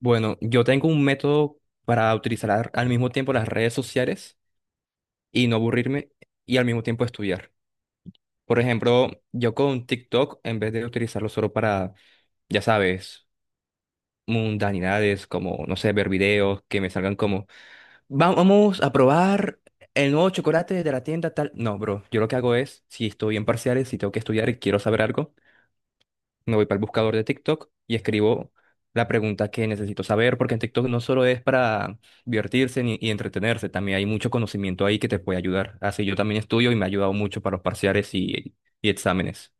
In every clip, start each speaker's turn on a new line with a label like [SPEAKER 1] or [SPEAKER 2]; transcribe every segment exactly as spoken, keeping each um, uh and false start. [SPEAKER 1] Bueno, yo tengo un método para utilizar ar- al mismo tiempo las redes sociales y no aburrirme y al mismo tiempo estudiar. Por ejemplo, yo con TikTok, en vez de utilizarlo solo para, ya sabes, mundanidades, como, no sé, ver videos que me salgan como, "Va- vamos a probar el nuevo chocolate de la tienda tal." No, bro, yo lo que hago es, si estoy en parciales, si tengo que estudiar y quiero saber algo, me voy para el buscador de TikTok y escribo la pregunta que necesito saber, porque en TikTok no solo es para divertirse ni, y entretenerse, también hay mucho conocimiento ahí que te puede ayudar. Así yo también estudio y me ha ayudado mucho para los parciales y, y exámenes.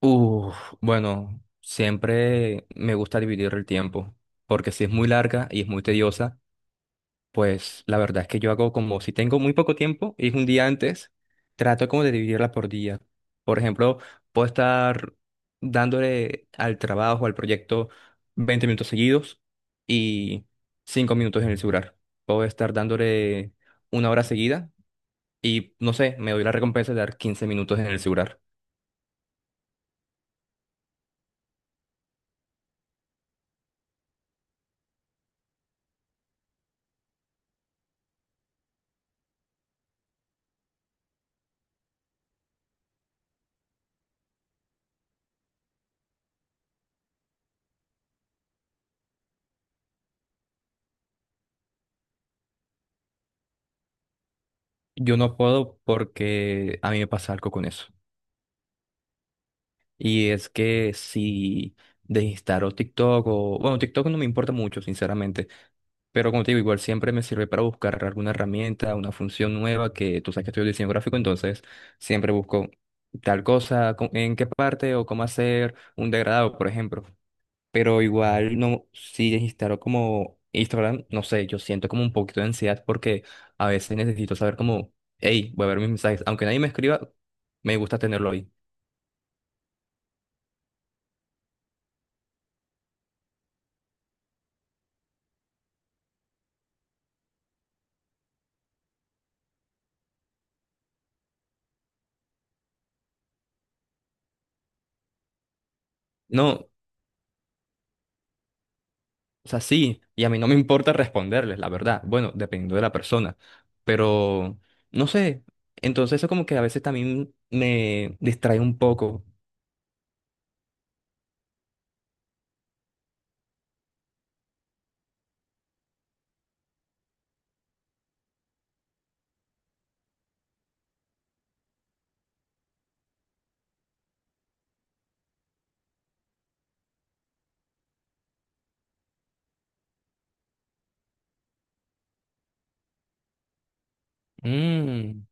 [SPEAKER 1] Uf, bueno, siempre me gusta dividir el tiempo, porque si es muy larga y es muy tediosa... Pues la verdad es que yo hago, como si tengo muy poco tiempo y es un día antes, trato como de dividirla por día. Por ejemplo, puedo estar dándole al trabajo, al proyecto, veinte minutos seguidos y cinco minutos en el celular. Puedo estar dándole una hora seguida y, no sé, me doy la recompensa de dar quince minutos en el celular. Yo no puedo, porque a mí me pasa algo con eso. Y es que si desinstalo TikTok, o bueno, TikTok no me importa mucho, sinceramente. Pero, como te digo, igual siempre me sirve para buscar alguna herramienta, una función nueva. Que tú sabes que estudio diseño gráfico, entonces siempre busco tal cosa, co- en qué parte o cómo hacer un degradado, por ejemplo. Pero igual no, si instalo como Instagram, no sé, yo siento como un poquito de ansiedad, porque a veces necesito saber como, hey, voy a ver mis mensajes, aunque nadie me escriba, me gusta tenerlo ahí. No, o sea, sí, y a mí no me importa responderles, la verdad. Bueno, dependiendo de la persona. Pero no sé. Entonces eso, como que a veces también me distrae un poco. Mm,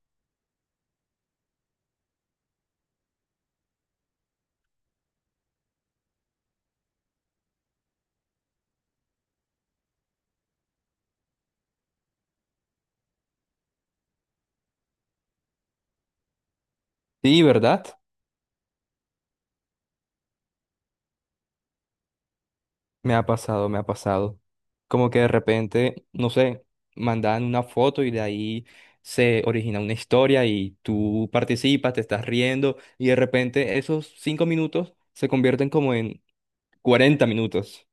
[SPEAKER 1] sí, ¿verdad? Me ha pasado, me ha pasado. Como que de repente, no sé, mandan una foto y de ahí se origina una historia y tú participas, te estás riendo y de repente esos cinco minutos se convierten como en cuarenta minutos.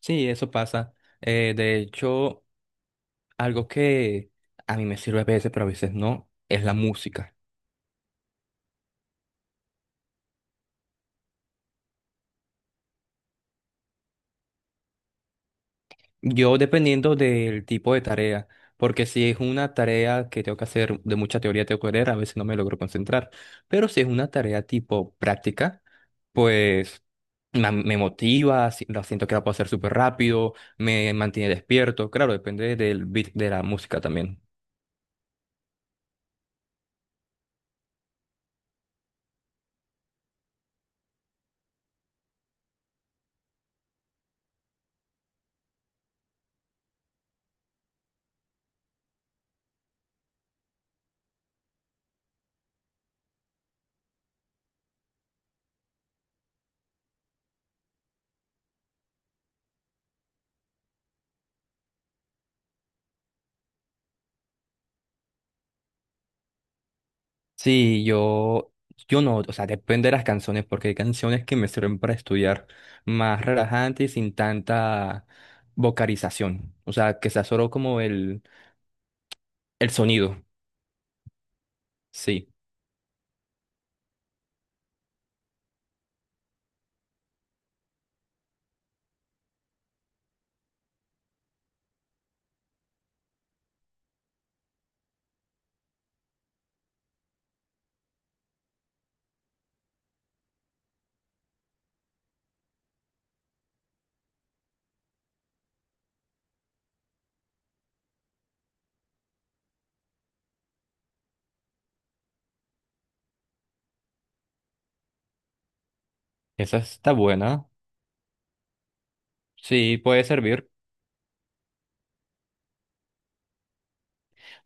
[SPEAKER 1] Sí, eso pasa. Eh, de hecho... algo que a mí me sirve a veces, pero a veces no, es la música. Yo, dependiendo del tipo de tarea, porque si es una tarea que tengo que hacer de mucha teoría, tengo que leer, a veces no me logro concentrar. Pero si es una tarea tipo práctica, pues ma- me motiva, si- la siento que la puedo hacer súper rápido, me mantiene despierto. Claro, depende del beat de la música también. Sí, yo, yo no, o sea, depende de las canciones, porque hay canciones que me sirven para estudiar, más relajante y sin tanta vocalización. O sea, que sea solo como el, el sonido. Sí, esa está buena. Sí, puede servir.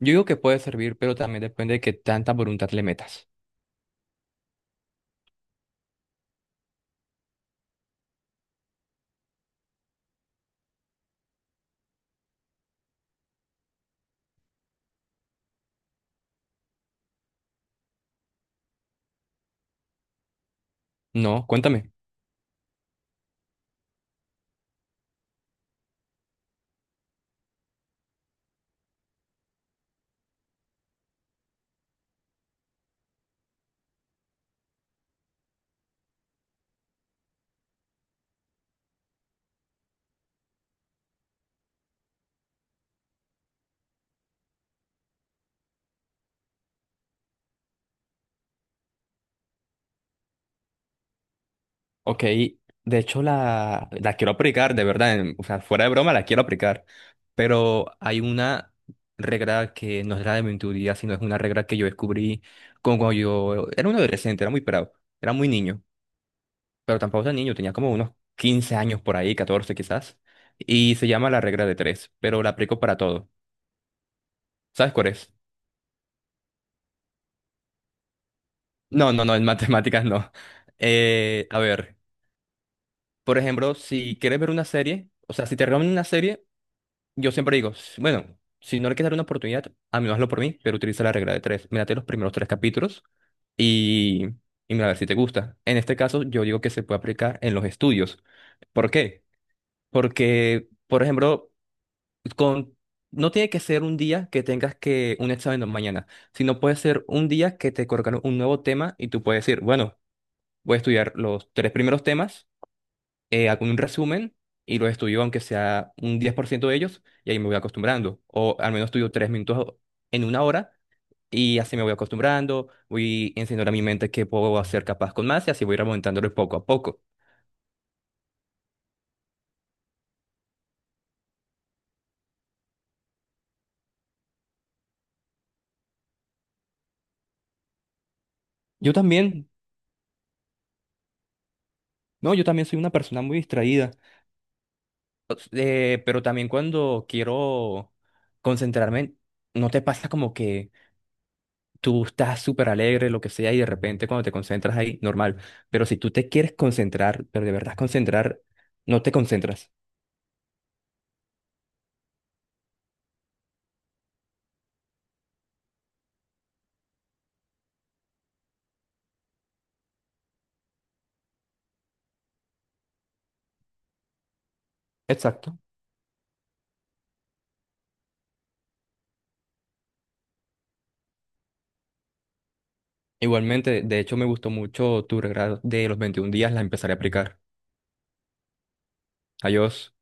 [SPEAKER 1] Yo digo que puede servir, pero también depende de qué tanta voluntad le metas. No, cuéntame. Ok, de hecho, la, la quiero aplicar, de verdad, en- o sea, fuera de broma la quiero aplicar, pero hay una regla que no es la de mi teoría, sino es una regla que yo descubrí con, cuando yo era un adolescente, era muy pelado, era muy niño, pero tampoco tan niño, tenía como unos quince años por ahí, catorce quizás, y se llama la regla de tres, pero la aplico para todo. ¿Sabes cuál es? No, no, no, en matemáticas no. Eh, a ver, por ejemplo, si quieres ver una serie, o sea, si te recomiendan una serie, yo siempre digo, s- bueno, si no le quieres dar una oportunidad, a menos hazlo por mí, pero utiliza la regla de tres. Mírate los primeros tres capítulos y, y mira a ver si te gusta. En este caso, yo digo que se puede aplicar en los estudios. ¿Por qué? Porque, por ejemplo, con... no tiene que ser un día que tengas que un examen mañana, sino puede ser un día que te colocan un nuevo tema y tú puedes decir, bueno, voy a estudiar los tres primeros temas, eh, hago un resumen y los estudio, aunque sea un diez por ciento de ellos, y ahí me voy acostumbrando. O al menos estudio tres minutos en una hora y así me voy acostumbrando, voy enseñando a mi mente que puedo ser capaz con más y así voy remontándolo poco a poco. Yo también. No, yo también soy una persona muy distraída, eh, pero también cuando quiero concentrarme, ¿no te pasa como que tú estás súper alegre, lo que sea, y de repente cuando te concentras ahí, normal? Pero si tú te quieres concentrar, pero de verdad concentrar, no te concentras. Exacto. Igualmente, de hecho, me gustó mucho tu regalo de los veintiún días, la empezaré a aplicar. Adiós.